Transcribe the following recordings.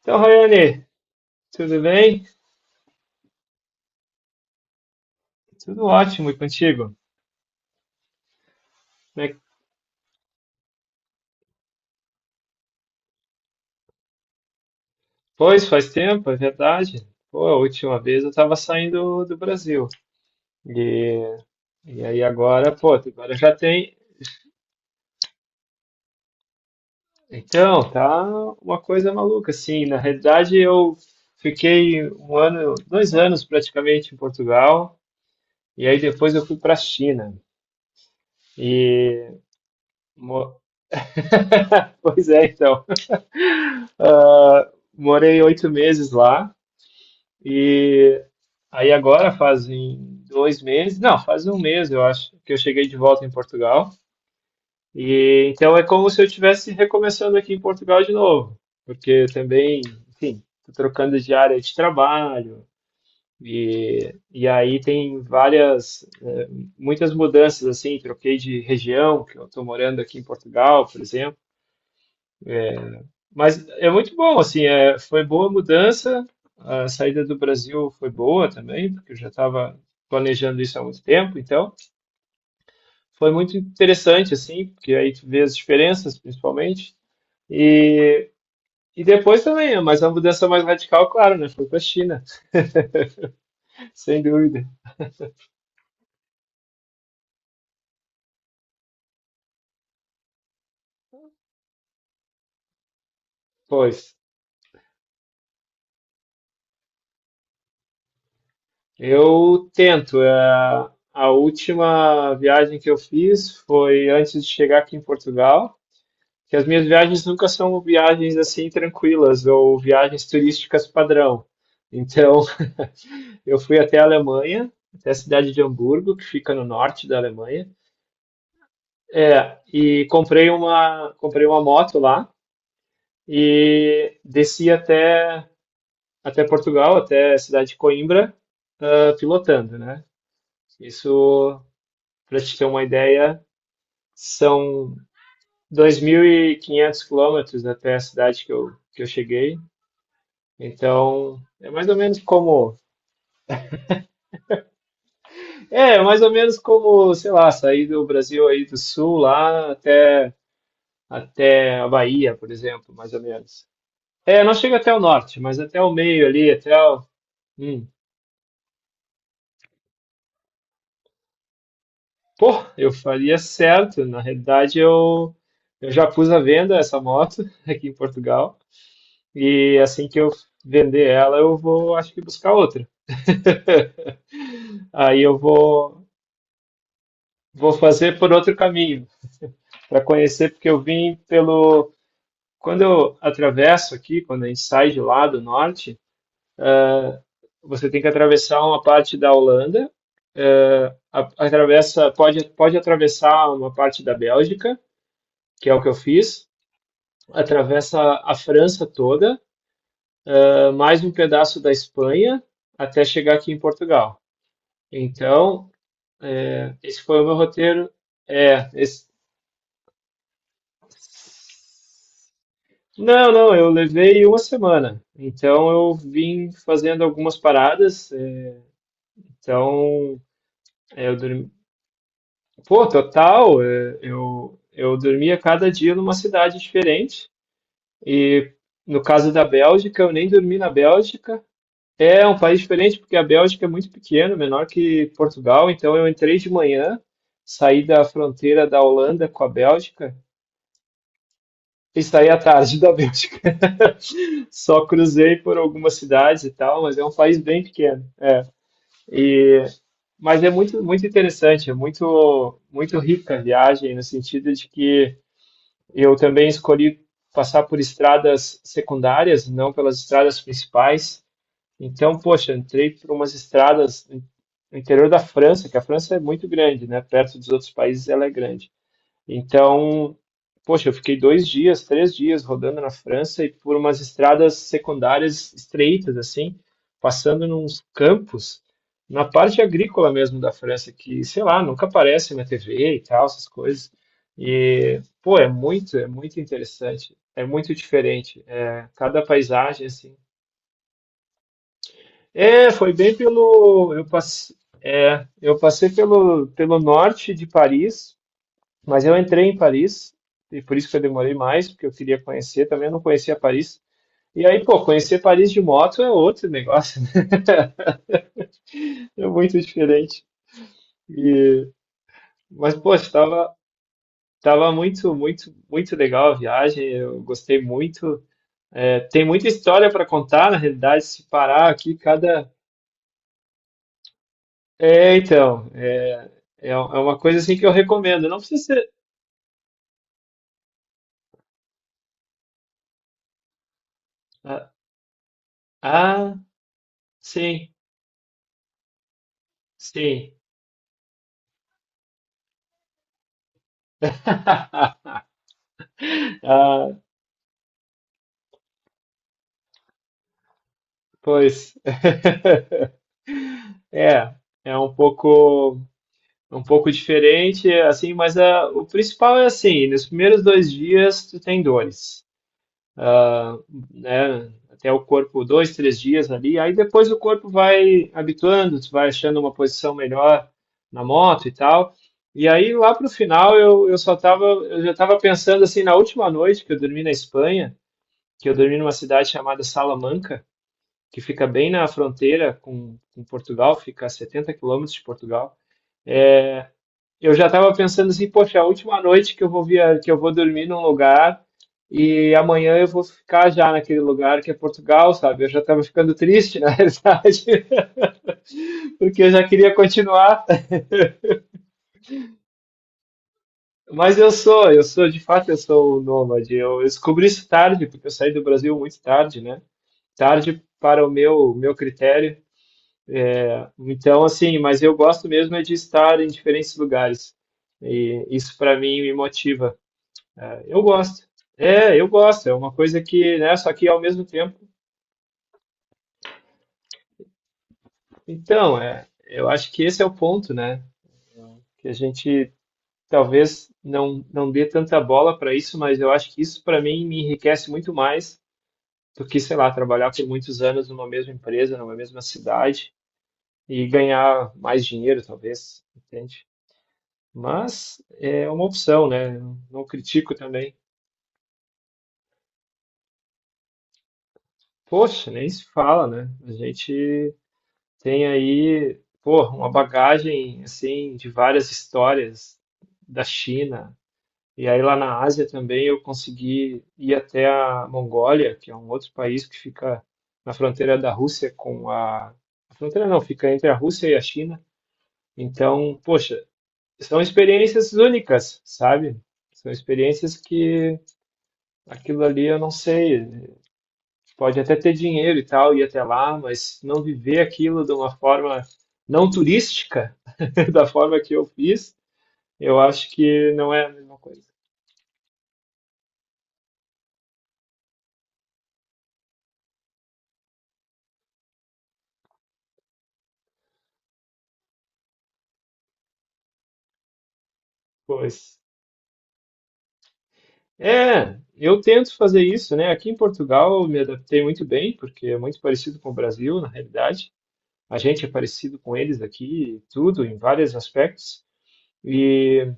Então, Rayane, tudo bem? Tudo ótimo e contigo? Como é que- Pois, faz tempo, é verdade. Pô, a última vez eu estava saindo do Brasil. E, e aí agora, pô, agora já tem. Então, tá uma coisa maluca, assim. Na realidade, eu fiquei um ano, 2 anos praticamente em Portugal. E aí depois eu fui para a China. E. mo- Pois é, então. Ah, morei 8 meses lá. E aí agora fazem 2 meses, não, faz um mês, eu acho, que eu cheguei de volta em Portugal. E então é como se eu estivesse recomeçando aqui em Portugal de novo, porque eu também, enfim, tô trocando de área de trabalho e aí tem várias, eh, muitas mudanças assim, troquei de região, que eu estou morando aqui em Portugal, por exemplo. Mas é muito bom, assim, é, foi boa mudança. A saída do Brasil foi boa também, porque eu já estava planejando isso há muito tempo, então foi muito interessante, assim, porque aí tu vê as diferenças, principalmente. E, e depois também, mas a mudança mais radical, claro, né? Foi para a China, sem dúvida. Pois, eu tento. A última viagem que eu fiz foi antes de chegar aqui em Portugal. Que as minhas viagens nunca são viagens assim tranquilas ou viagens turísticas padrão. Então, eu fui até a Alemanha, até a cidade de Hamburgo, que fica no norte da Alemanha, é, e comprei uma moto lá e desci até Portugal, até a cidade de Coimbra, ah, pilotando, né? Isso, para te ter uma ideia, são 2.500 quilômetros até a cidade que eu cheguei. Então, é mais ou menos como, sei lá, sair do Brasil aí do sul lá até a Bahia, por exemplo, mais ou menos. É, não chega até o norte, mas até o meio ali, até o, hum. Pô, eu faria certo. Na realidade, eu já pus à venda essa moto aqui em Portugal e assim que eu vender ela, eu vou, acho que buscar outra. Aí eu vou fazer por outro caminho para conhecer, porque eu vim pelo Quando eu atravesso aqui, quando a gente sai de lá do norte, você tem que atravessar uma parte da Holanda, eh, atravessa, pode atravessar uma parte da Bélgica, que é o que eu fiz, atravessa a França toda, eh, mais um pedaço da Espanha, até chegar aqui em Portugal. Então, esse foi o meu roteiro. É, esse- Não, não, eu levei uma semana. Então, eu vim fazendo algumas paradas. Eh, então, é, eu dormi, pô, total. É, eu dormia cada dia numa cidade diferente. E no caso da Bélgica, eu nem dormi na Bélgica. É um país diferente porque a Bélgica é muito pequena, menor que Portugal. Então eu entrei de manhã, saí da fronteira da Holanda com a Bélgica e saí à tarde da Bélgica. Só cruzei por algumas cidades e tal, mas é um país bem pequeno. E mas é muito muito interessante, é muito muito rica a viagem no sentido de que eu também escolhi passar por estradas secundárias, não pelas estradas principais. Então, poxa, entrei por umas estradas no interior da França, que a França é muito grande, né? Perto dos outros países ela é grande. Então, poxa, eu fiquei dois dias, três dias rodando na França e por umas estradas secundárias estreitas, assim, passando nos campos, na parte agrícola mesmo da França, que, sei lá, nunca aparece na TV e tal, essas coisas. E, pô, é muito interessante, é muito diferente. É, cada paisagem, assim. É, foi bem pelo. Eu passei pelo norte de Paris, mas eu entrei em Paris, e por isso que eu demorei mais, porque eu queria conhecer também, eu não conhecia Paris. E aí, pô, conhecer Paris de moto é outro negócio, né? É muito diferente. E, mas, pô, estava muito, muito, muito legal a viagem, eu gostei muito. É, tem muita história para contar, na realidade, se parar aqui, cada. É, então, é, é uma coisa assim que eu recomendo. Não precisa ser. Ah, ah, sim, sim. Ah, pois. É, é um pouco diferente, assim, mas ah, o principal é assim, nos primeiros dois dias tu tem dores, ah, né? Até o corpo, dois, três dias ali, aí depois o corpo vai habituando, tu vai achando uma posição melhor na moto e tal. E aí lá pro final eu só tava, eu já tava pensando assim, na última noite que eu dormi na Espanha, que eu dormi numa cidade chamada Salamanca, que fica bem na fronteira com Portugal, fica a 70 quilômetros de Portugal. Eu já estava pensando assim, poxa, a última noite que eu vou dormir num lugar e amanhã eu vou ficar já naquele lugar que é Portugal, sabe? Eu já estava ficando triste, na realidade, porque eu já queria continuar. Mas eu sou, de fato, eu sou um nômade. Eu descobri isso tarde, porque eu saí do Brasil muito tarde, né? Tarde para o meu critério. Então, assim, mas eu gosto mesmo é de estar em diferentes lugares. E isso para mim me motiva. Eu gosto. É, eu gosto. É uma coisa que, né? Só que ao mesmo tempo. Então, é, eu acho que esse é o ponto, né? Que a gente talvez não dê tanta bola para isso, mas eu acho que isso para mim me enriquece muito mais do que, sei lá, trabalhar por muitos anos numa mesma empresa, numa mesma cidade e ganhar mais dinheiro, talvez, entende? Mas é uma opção, né? Eu não critico também. Poxa, nem se fala, né? A gente tem aí, pô, uma bagagem assim de várias histórias da China. E aí lá na Ásia também eu consegui ir até a Mongólia, que é um outro país que fica na fronteira da Rússia a fronteira não, fica entre a Rússia e a China. Então, poxa, são experiências únicas, sabe? São experiências que aquilo ali eu não sei, pode até ter dinheiro e tal, ir até lá, mas não viver aquilo de uma forma não turística, da forma que eu fiz, eu acho que não é a mesma coisa. Pois. É, eu tento fazer isso, né? Aqui em Portugal eu me adaptei muito bem, porque é muito parecido com o Brasil, na realidade. A gente é parecido com eles aqui, e tudo, em vários aspectos. E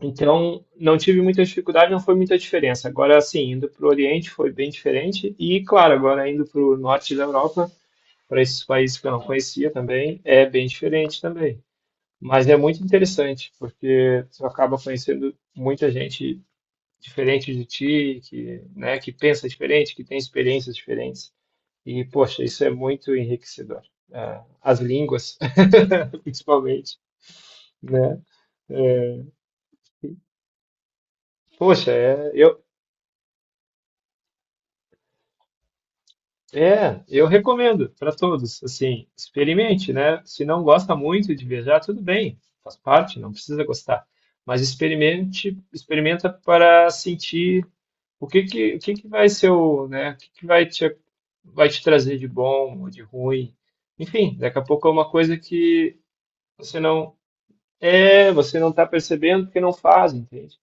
então não tive muita dificuldade, não foi muita diferença. Agora, assim, indo para o Oriente foi bem diferente. E, claro, agora indo para o norte da Europa, para esses países que eu não conhecia também, é bem diferente também. Mas é muito interessante, porque você acaba conhecendo muita gente diferente de ti, que, né, que pensa diferente, que tem experiências diferentes. E, poxa, isso é muito enriquecedor. Ah, as línguas, principalmente, né? É, poxa, é, eu recomendo para todos, assim, experimente, né? Se não gosta muito de viajar, tudo bem, faz parte, não precisa gostar. Mas experimente, experimenta para sentir. O que que vai ser o, né? O que que vai te trazer de bom ou de ruim? Enfim, daqui a pouco é uma coisa que você não você não está percebendo porque não faz, entende?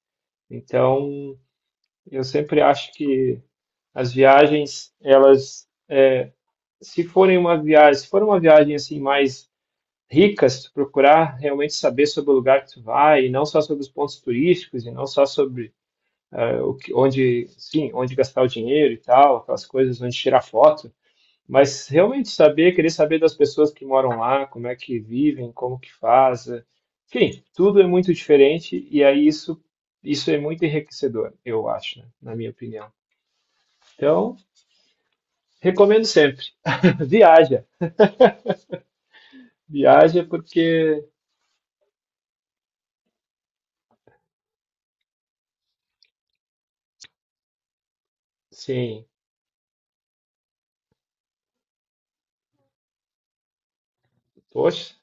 Então, eu sempre acho que as viagens, elas, se for uma viagem assim mais rica, se tu procurar realmente saber sobre o lugar que tu vai, e não só sobre os pontos turísticos, e não só sobre eh, o que, onde, sim, onde gastar o dinheiro e tal, aquelas coisas, onde tirar foto. Mas realmente saber, querer saber das pessoas que moram lá, como é que vivem, como que fazem. Enfim, tudo é muito diferente e aí isso é muito enriquecedor, eu acho, né? Na minha opinião. Então, recomendo sempre. Viaja. Viaja porque, sim, poxa.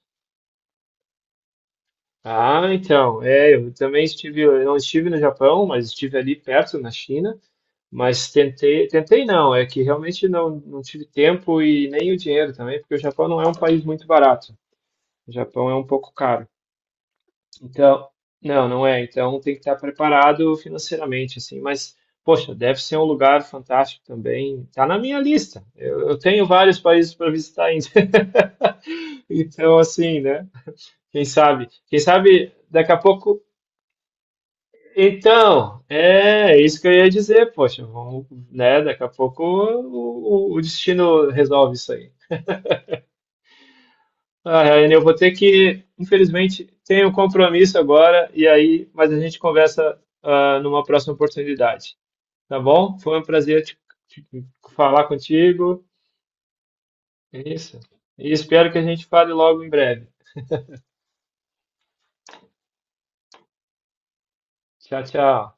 Ah, então, é, eu não estive no Japão, mas estive ali perto, na China, mas tentei, tentei não, é que realmente não tive tempo e nem o dinheiro também, porque o Japão não é um país muito barato. O Japão é um pouco caro. Então, não, não é. Então tem que estar preparado financeiramente, assim. Mas, poxa, deve ser um lugar fantástico também. Tá na minha lista. Eu tenho vários países para visitar ainda. Então, assim, né? Quem sabe? Quem sabe daqui a pouco. Então, é isso que eu ia dizer, poxa, vamos, né? Daqui a pouco o destino resolve isso aí. Ah, Ryan, eu vou ter que, infelizmente, tenho um compromisso agora e aí, mas a gente conversa, ah, numa próxima oportunidade, tá bom? Foi um prazer te- falar contigo. Isso. E espero que a gente fale logo em breve. Tchau, tchau.